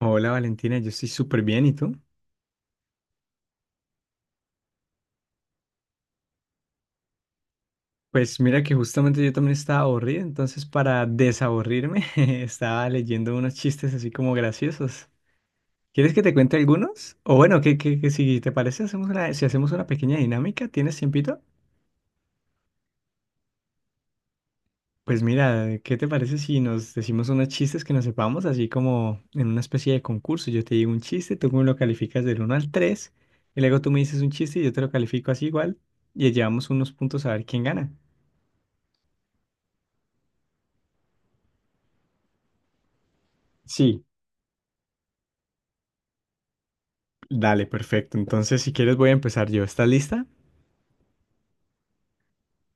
Hola Valentina, yo estoy súper bien, ¿y tú? Pues mira que justamente yo también estaba aburrido, entonces para desaburrirme estaba leyendo unos chistes así como graciosos. ¿Quieres que te cuente algunos? O bueno, que si te parece, si hacemos una pequeña dinámica, ¿tienes tiempito? Pues mira, ¿qué te parece si nos decimos unos chistes que nos sepamos, así como en una especie de concurso? Yo te digo un chiste, tú me lo calificas del uno al 3 y luego tú me dices un chiste y yo te lo califico así igual, y llevamos unos puntos a ver quién gana. Sí. Dale, perfecto. Entonces, si quieres, voy a empezar yo. ¿Estás lista?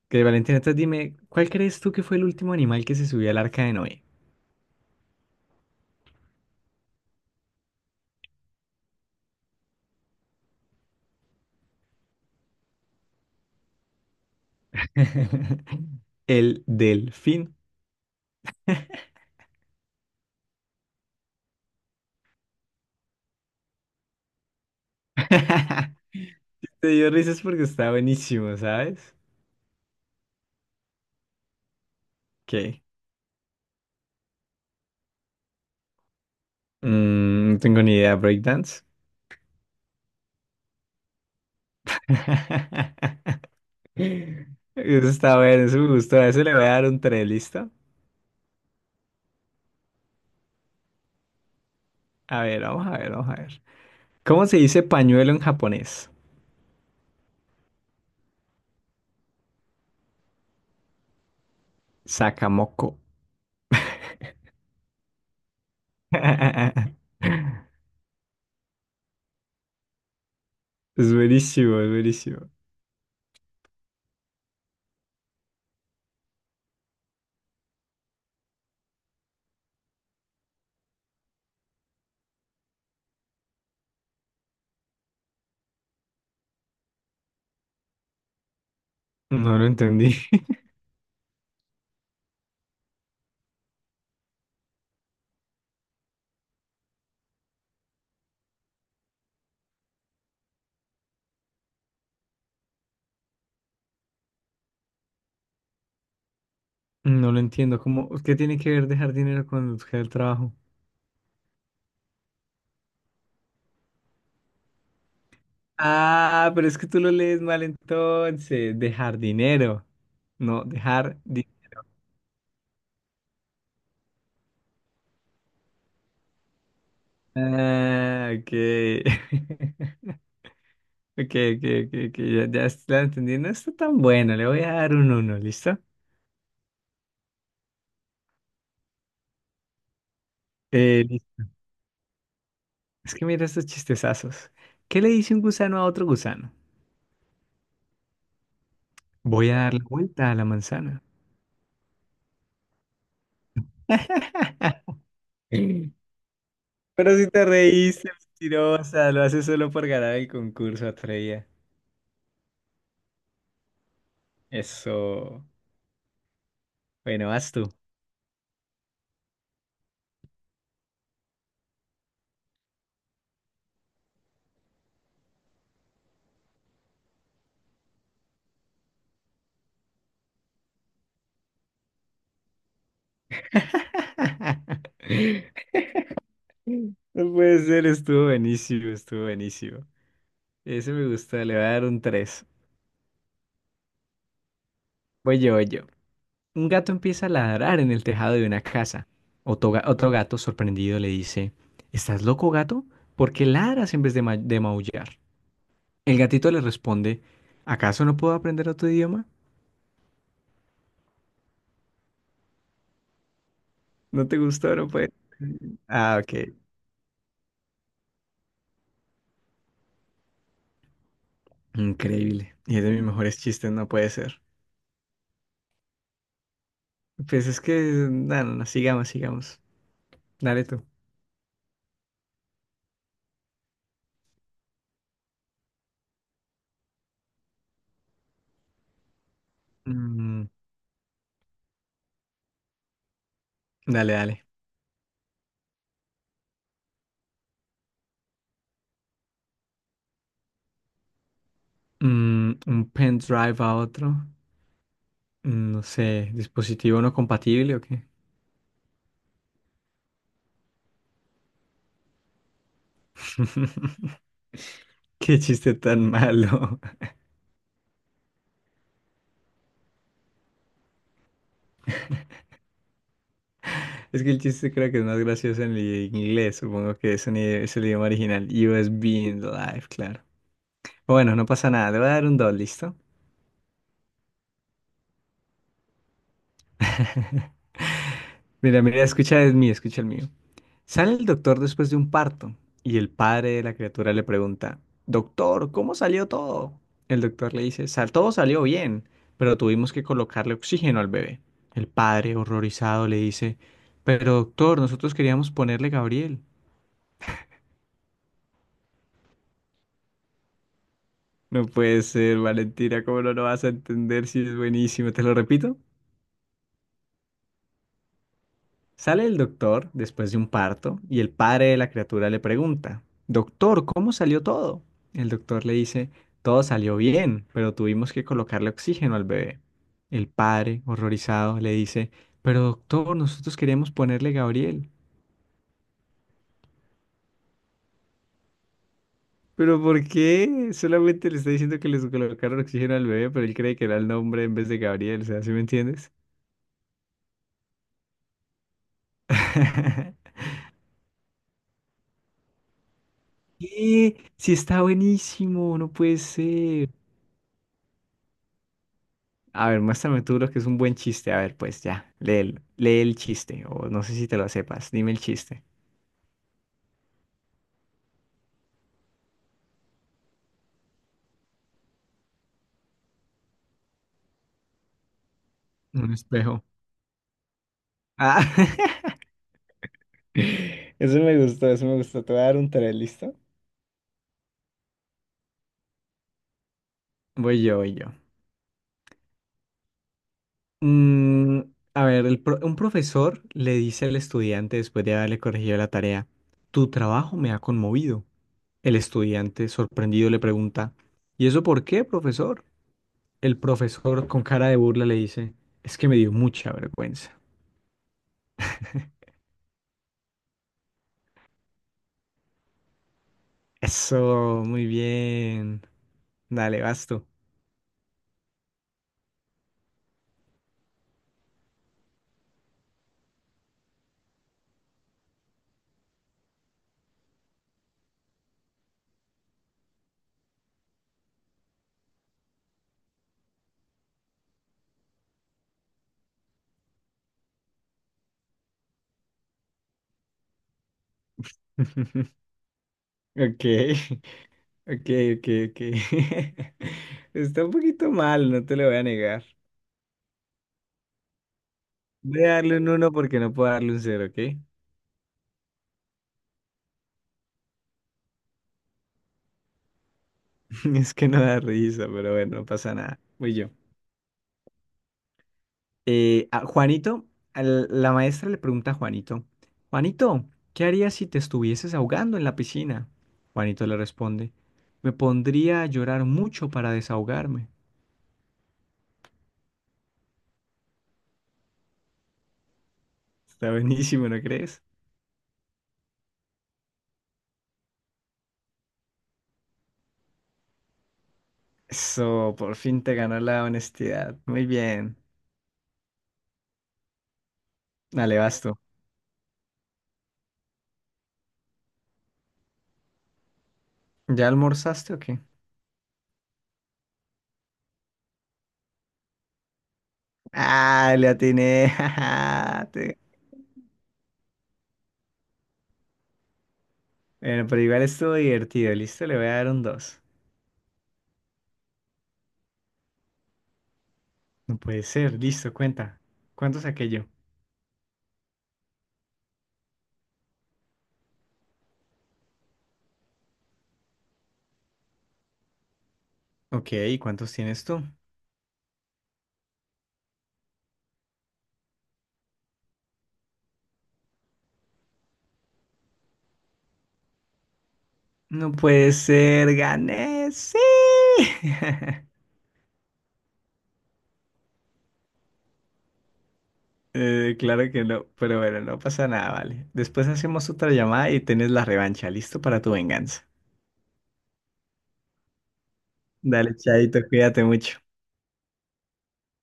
Que Valentina, entonces dime, ¿cuál crees tú que fue el último animal que se subió al arca de Noé? El delfín. Te dio risas porque está buenísimo, ¿sabes? ¿Qué? No tengo ni idea. ¿Breakdance? Eso está bueno, eso me gustó. A eso le voy a dar un 3, ¿listo? A ver, vamos a ver, vamos a ver. ¿Cómo se dice pañuelo en japonés? Sakamoko. Es buenísimo, es buenísimo. No lo entendí. No lo entiendo. ¿Cómo, qué tiene que ver dejar dinero con buscar el trabajo? Ah, pero es que tú lo lees mal entonces. Dejar dinero. No, dejar di-. Ah, ok. Ok, ok, ok, ok, ya, ya la entendí. No está tan buena. Le voy a dar un uno, ¿listo? Listo. Es que mira estos chistezazos. ¿Qué le dice un gusano a otro gusano? Voy a dar la vuelta a la manzana. Pero si te reíste, mentirosa, lo haces solo por ganar el concurso, Atreya. Eso. Bueno, vas tú. No puede ser, estuvo buenísimo, estuvo buenísimo. Ese me gusta, le voy a dar un 3. Voy yo, voy yo. Un gato empieza a ladrar en el tejado de una casa. Otro, otro gato, sorprendido, le dice, ¿estás loco, gato? ¿Por qué ladras en vez de maullar? El gatito le responde, ¿acaso no puedo aprender otro idioma? No te gustó, no puede ser. Ah, ok. Increíble. Y es de mis mejores chistes, no puede ser. Pues es que, no, no, no, sigamos, sigamos. Dale tú. Mm, Dale, dale. Un pendrive a otro. No sé, dispositivo no compatible o qué. Qué chiste tan malo. Es que el chiste creo que es más gracioso en el inglés. Supongo que es el idioma original. USB in the life, claro. Bueno, no pasa nada. Le voy a dar un 2, ¿listo? Mira, mira, escucha el mío, escucha el mío. Sale el doctor después de un parto y el padre de la criatura le pregunta, doctor, ¿cómo salió todo? El doctor le dice, "Sal, todo salió bien, pero tuvimos que colocarle oxígeno al bebé". El padre, horrorizado, le dice, pero doctor, nosotros queríamos ponerle Gabriel. No puede ser, Valentina, ¿cómo no lo vas a entender si es buenísimo? ¿Te lo repito? Sale el doctor después de un parto y el padre de la criatura le pregunta, doctor, ¿cómo salió todo? El doctor le dice, todo salió bien, pero tuvimos que colocarle oxígeno al bebé. El padre, horrorizado, le dice, pero doctor, nosotros queríamos ponerle Gabriel. ¿Pero por qué? Solamente le está diciendo que les colocaron oxígeno al bebé, pero él cree que era el nombre en vez de Gabriel, o sea, ¿sí me entiendes? ¿Qué? Sí, está buenísimo, no puede ser. A ver, muéstrame tú lo que es un buen chiste. A ver, pues ya, lee, lee el chiste. O no sé si te lo sepas. Dime el chiste. Un espejo. Ah, eso me gustó, eso me gustó. Te voy a dar un tres, ¿listo? Voy yo, voy yo. Mm, a ver, el un profesor le dice al estudiante después de haberle corregido la tarea, tu trabajo me ha conmovido. El estudiante, sorprendido, le pregunta, ¿y eso por qué, profesor? El profesor, con cara de burla, le dice, es que me dio mucha vergüenza. Eso, muy bien. Dale, basto. Okay, okay, okay, okay. Está un poquito mal, no te lo voy a negar. Voy a darle un uno porque no puedo darle un cero, ¿ok? Es que no da risa, pero bueno, no pasa nada. Voy yo. A Juanito, la maestra le pregunta a Juanito, Juanito, ¿qué harías si te estuvieses ahogando en la piscina? Juanito le responde, me pondría a llorar mucho para desahogarme. Está buenísimo, ¿no crees? Eso, por fin te ganó la honestidad. Muy bien. Dale, vas tú. ¿Ya almorzaste o qué? Ah, le atiné. Jaja, te-. Bueno, pero igual estuvo divertido. Listo, le voy a dar un dos. No puede ser. Listo, cuenta. ¿Cuántos saqué yo? Ok, ¿y cuántos tienes tú? No puede ser. Gané. Sí. Claro que no, pero bueno, no pasa nada, vale. Después hacemos otra llamada y tenés la revancha. Listo para tu venganza. Dale, chaito, cuídate mucho.